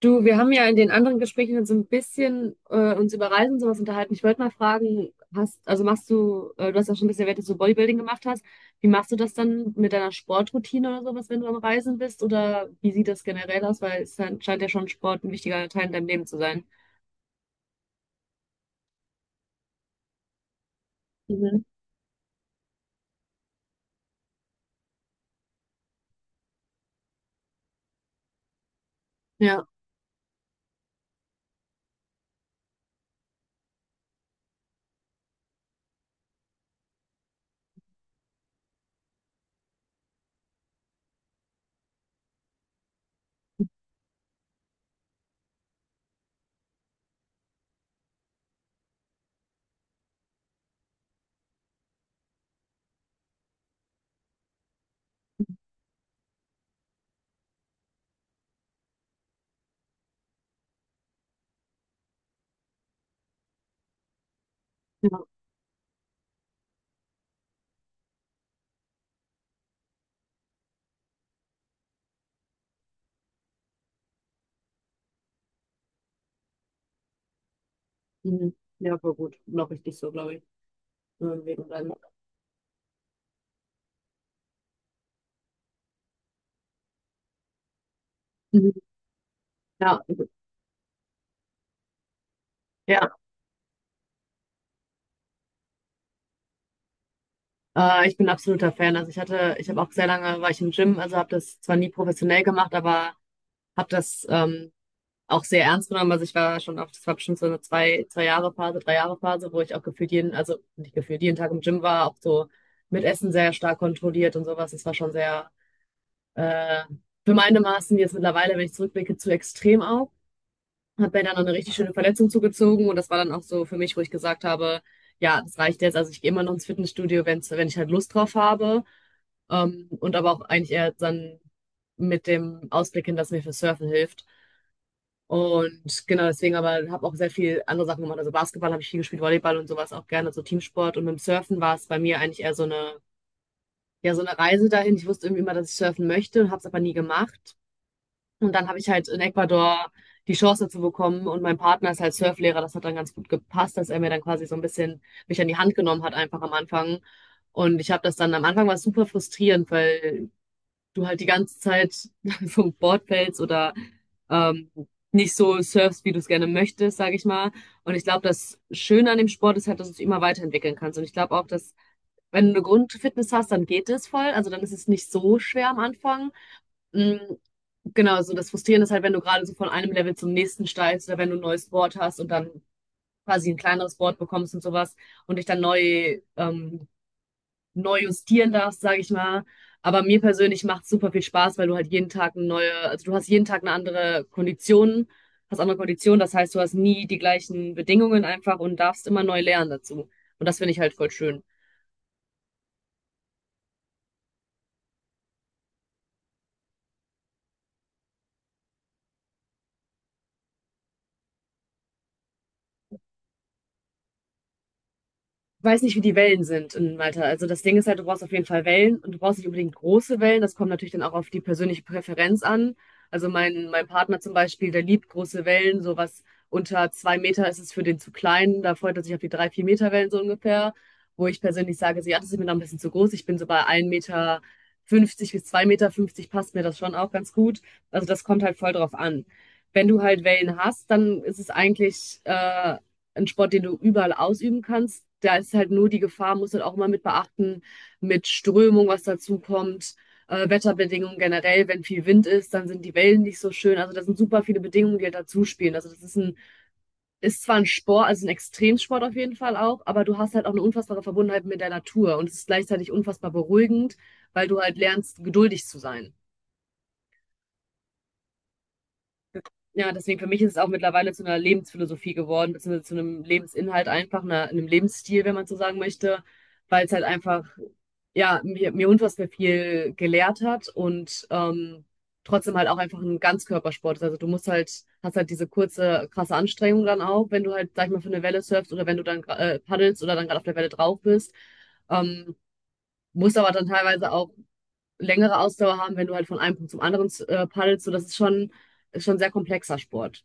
Du, wir haben ja in den anderen Gesprächen so ein bisschen uns über Reisen und sowas unterhalten. Ich wollte mal fragen, also du hast ja schon ein bisschen erwähnt, dass du Bodybuilding gemacht hast. Wie machst du das dann mit deiner Sportroutine oder sowas, wenn du am Reisen bist? Oder wie sieht das generell aus? Weil es scheint ja schon Sport ein wichtiger Teil in deinem Leben zu sein. Mhm. Ja, ja, mhm. Ja, voll gut. Noch richtig so, glaube ich. Nur wegen deinem- Mhm. Ja, ja. Ich bin absoluter Fan. Also ich habe auch sehr lange, war ich im Gym, also habe das zwar nie professionell gemacht, aber habe das auch sehr ernst genommen. Also ich war schon auf, das war bestimmt so eine zwei Jahre Phase, 3 Jahre Phase, wo ich auch gefühlt jeden, also nicht gefühlt jeden Tag im Gym war, auch so mit Essen sehr stark kontrolliert und sowas. Das war schon sehr äh, für meine Maßen jetzt mittlerweile, wenn ich zurückblicke, zu extrem auch. Hat mir dann noch eine richtig schöne Verletzung zugezogen und das war dann auch so für mich, wo ich gesagt habe, ja, das reicht jetzt. Also ich gehe immer noch ins Fitnessstudio, wenn ich halt Lust drauf habe. Und aber auch eigentlich eher dann mit dem Ausblick hin, dass mir für Surfen hilft. Und genau deswegen, aber habe auch sehr viel andere Sachen gemacht. Also Basketball habe ich viel gespielt, Volleyball und sowas auch gerne, so Teamsport. Und mit dem Surfen war es bei mir eigentlich eher so eine, ja, so eine Reise dahin. Ich wusste irgendwie immer, dass ich surfen möchte und habe es aber nie gemacht. Und dann habe ich halt in Ecuador die Chance dazu bekommen und mein Partner ist halt Surflehrer. Das hat dann ganz gut gepasst, dass er mir dann quasi so ein bisschen mich an die Hand genommen hat, einfach am Anfang. Und ich habe das dann, am Anfang war es super frustrierend, weil du halt die ganze Zeit vom Board fällst oder ähm, nicht so surfst, wie du es gerne möchtest, sage ich mal. Und ich glaube, das Schöne an dem Sport ist halt, dass du dich immer weiterentwickeln kannst. Und ich glaube auch, dass wenn du eine Grundfitness hast, dann geht es voll. Also dann ist es nicht so schwer am Anfang. Mm. Genau, so das Frustrierende ist halt, wenn du gerade so von einem Level zum nächsten steigst oder wenn du ein neues Board hast und dann quasi ein kleineres Board bekommst und sowas und dich dann neu justieren darfst, sage ich mal. Aber mir persönlich macht es super viel Spaß, weil du halt jeden Tag eine neue, also du hast jeden Tag eine andere Kondition, hast andere Konditionen, das heißt, du hast nie die gleichen Bedingungen einfach und darfst immer neu lernen dazu. Und das finde ich halt voll schön. Weiß nicht, wie die Wellen sind in Malta. Also das Ding ist halt, du brauchst auf jeden Fall Wellen und du brauchst nicht unbedingt große Wellen. Das kommt natürlich dann auch auf die persönliche Präferenz an. Also mein Partner zum Beispiel, der liebt große Wellen, sowas unter 2 Meter ist es für den zu klein. Da freut er sich auf die 3-4 Meter Wellen so ungefähr. Wo ich persönlich sage, so, ja, das ist mir noch ein bisschen zu groß. Ich bin so bei 1,50 m bis 2,50 m, passt mir das schon auch ganz gut. Also das kommt halt voll drauf an. Wenn du halt Wellen hast, dann ist es eigentlich ein Sport, den du überall ausüben kannst. Da ist halt nur die Gefahr, musst du halt auch immer mit beachten, mit Strömung, was dazu kommt, Wetterbedingungen generell, wenn viel Wind ist, dann sind die Wellen nicht so schön. Also das sind super viele Bedingungen, die halt dazu spielen. Also das ist ist zwar ein Sport, also ein Extremsport auf jeden Fall auch, aber du hast halt auch eine unfassbare Verbundenheit mit der Natur und es ist gleichzeitig unfassbar beruhigend, weil du halt lernst, geduldig zu sein. Ja, deswegen für mich ist es auch mittlerweile zu einer Lebensphilosophie geworden, beziehungsweise zu einem Lebensinhalt einfach, einem Lebensstil, wenn man so sagen möchte, weil es halt einfach, ja, mir unfassbar viel gelehrt hat und trotzdem halt auch einfach ein Ganzkörpersport ist. Also du musst halt, hast halt diese kurze, krasse Anstrengung dann auch, wenn du halt, sag ich mal, für eine Welle surfst oder wenn du dann paddelst oder dann gerade auf der Welle drauf bist. Ähm, Musst aber dann teilweise auch längere Ausdauer haben, wenn du halt von einem Punkt zum anderen paddelst. So, das ist schon ein sehr komplexer Sport.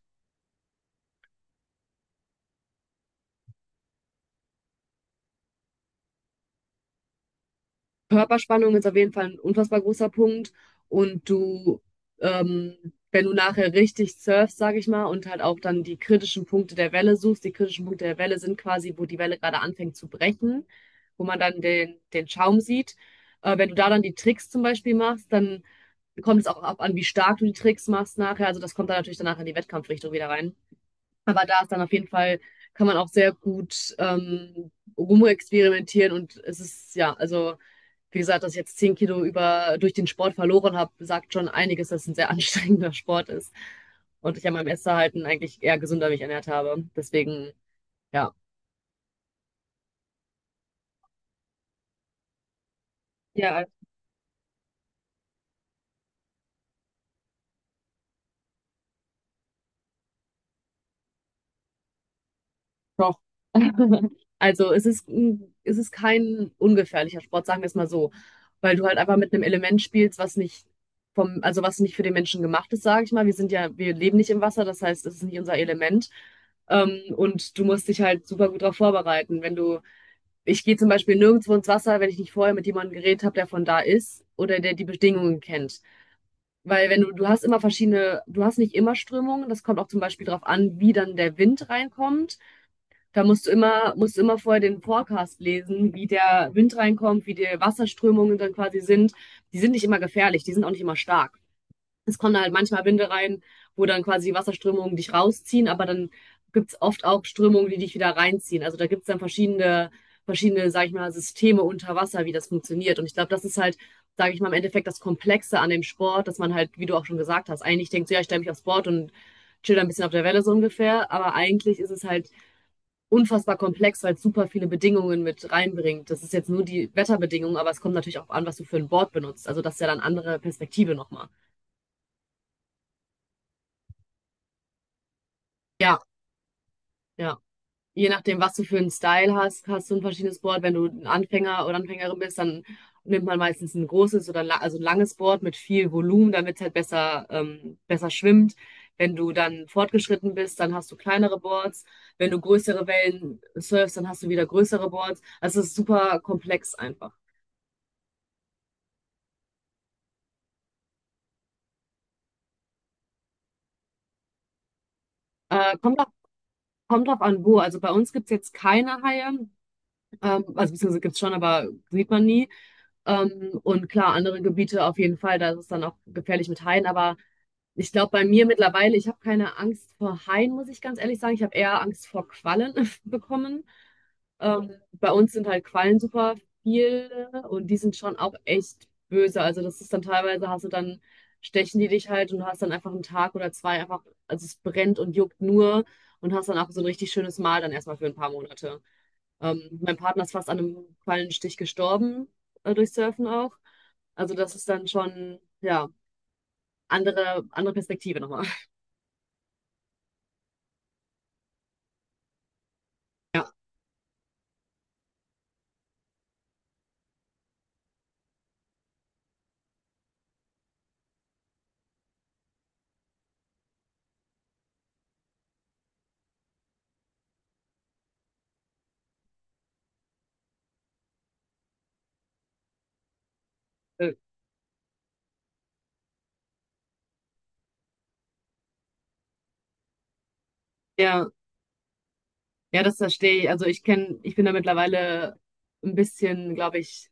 Körperspannung ist auf jeden Fall ein unfassbar großer Punkt. Und du, ähm, wenn du nachher richtig surfst, sage ich mal, und halt auch dann die kritischen Punkte der Welle suchst, die kritischen Punkte der Welle sind quasi, wo die Welle gerade anfängt zu brechen, wo man dann den Schaum sieht. Wenn du da dann die Tricks zum Beispiel machst, dann kommt es auch ab an, wie stark du die Tricks machst nachher. Also das kommt dann natürlich danach in die Wettkampfrichtung wieder rein. Aber da ist dann auf jeden Fall, kann man auch sehr gut rumexperimentieren und es ist, ja, also wie gesagt, dass ich jetzt 10 Kilo durch den Sport verloren habe, sagt schon einiges, dass es ein sehr anstrengender Sport ist. Und ich an meinem Essverhalten eigentlich eher gesünder mich ernährt habe. Deswegen, ja. Ja, doch. Also es ist kein ungefährlicher Sport, sagen wir es mal so. Weil du halt einfach mit einem Element spielst, was nicht also was nicht für den Menschen gemacht ist, sage ich mal. Wir sind ja, wir leben nicht im Wasser, das heißt, es ist nicht unser Element. Und du musst dich halt super gut darauf vorbereiten. Wenn du Ich gehe zum Beispiel nirgendwo ins Wasser, wenn ich nicht vorher mit jemandem geredet habe, der von da ist oder der die Bedingungen kennt. Weil wenn du, du hast immer verschiedene, du hast nicht immer Strömungen, das kommt auch zum Beispiel darauf an, wie dann der Wind reinkommt. Da musst du immer vorher den Forecast lesen, wie der Wind reinkommt, wie die Wasserströmungen dann quasi sind. Die sind nicht immer gefährlich, die sind auch nicht immer stark. Es kommen da halt manchmal Winde rein, wo dann quasi Wasserströmungen dich rausziehen, aber dann gibt's oft auch Strömungen, die dich wieder reinziehen. Also da gibt's dann verschiedene, verschiedene, sag ich mal, Systeme unter Wasser, wie das funktioniert. Und ich glaube, das ist halt, sage ich mal, im Endeffekt das Komplexe an dem Sport, dass man halt, wie du auch schon gesagt hast, eigentlich denkt, so, ja, ich stelle mich aufs Board und chill ein bisschen auf der Welle so ungefähr. Aber eigentlich ist es halt unfassbar komplex, weil es super viele Bedingungen mit reinbringt. Das ist jetzt nur die Wetterbedingungen, aber es kommt natürlich auch an, was du für ein Board benutzt. Also das ist ja dann andere Perspektive nochmal. Ja, ja. Je nachdem, was du für einen Style hast, hast du ein verschiedenes Board. Wenn du ein Anfänger oder Anfängerin bist, dann nimmt man meistens ein großes oder also ein langes Board mit viel Volumen, damit es halt besser, besser schwimmt. Wenn du dann fortgeschritten bist, dann hast du kleinere Boards. Wenn du größere Wellen surfst, dann hast du wieder größere Boards. Also es ist super komplex einfach. Äh, kommt drauf, Kommt drauf an, wo. Also bei uns gibt es jetzt keine Haie. Also beziehungsweise gibt es schon, aber sieht man nie. Und klar, andere Gebiete auf jeden Fall, da ist es dann auch gefährlich mit Haien, aber ich glaube, bei mir mittlerweile, ich habe keine Angst vor Haien, muss ich ganz ehrlich sagen. Ich habe eher Angst vor Quallen bekommen. Bei uns sind halt Quallen super viel und die sind schon auch echt böse. Also das ist dann teilweise, hast du dann, stechen die dich halt und du hast dann einfach einen Tag oder zwei einfach, also es brennt und juckt nur und hast dann auch so ein richtig schönes Mal dann erstmal für ein paar Monate. Mein Partner ist fast an einem Quallenstich gestorben, durch Surfen auch. Also das ist dann schon, ja, andere, andere Perspektive nochmal. Ja, äh, ja, ja, das verstehe ich. Also ich kenne, ich bin da mittlerweile ein bisschen, glaube ich,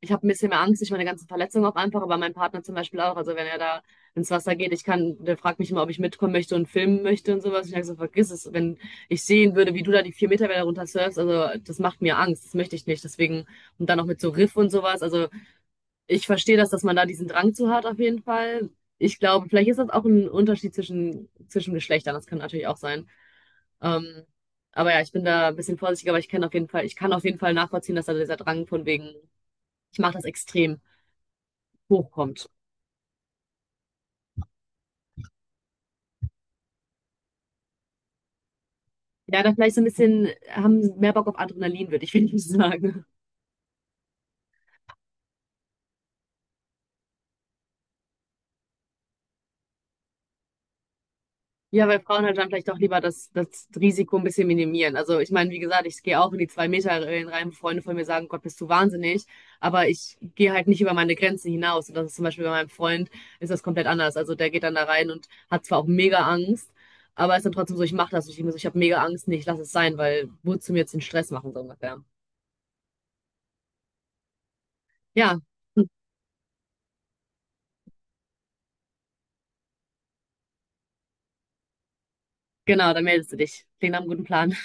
ich habe ein bisschen mehr Angst durch meine ganzen Verletzungen auch einfach, aber mein Partner zum Beispiel auch. Also wenn er da ins Wasser geht, ich kann, der fragt mich immer, ob ich mitkommen möchte und filmen möchte und sowas. Ich sage so, vergiss es, wenn ich sehen würde, wie du da die 4 Meter Welle runter surfst, also das macht mir Angst, das möchte ich nicht. Deswegen, und dann auch mit so Riff und sowas. Also ich verstehe das, dass man da diesen Drang zu hat, auf jeden Fall. Ich glaube, vielleicht ist das auch ein Unterschied zwischen, zwischen Geschlechtern. Das kann natürlich auch sein. Ähm, aber ja, ich bin da ein bisschen vorsichtiger, aber ich kann auf jeden Fall nachvollziehen, dass da dieser Drang von wegen, ich mache das extrem, hochkommt. Ja, da vielleicht so ein bisschen haben mehr Bock auf Adrenalin, würde ich wenigstens sagen. Ja, weil Frauen halt dann vielleicht auch lieber das Risiko ein bisschen minimieren. Also ich meine, wie gesagt, ich gehe auch in die 2 Meter Regeln rein, wo Freunde von mir sagen, Gott, bist du wahnsinnig, aber ich gehe halt nicht über meine Grenzen hinaus. Und das ist zum Beispiel bei meinem Freund, ist das komplett anders. Also der geht dann da rein und hat zwar auch mega Angst, aber ist dann trotzdem so, ich mache das. Und ich denke so, ich habe mega Angst, nee, ich lasse es sein, weil wozu mir jetzt den Stress machen, so ungefähr. Ja, hm, genau, dann meldest du dich. Klingt nach einem guten Plan.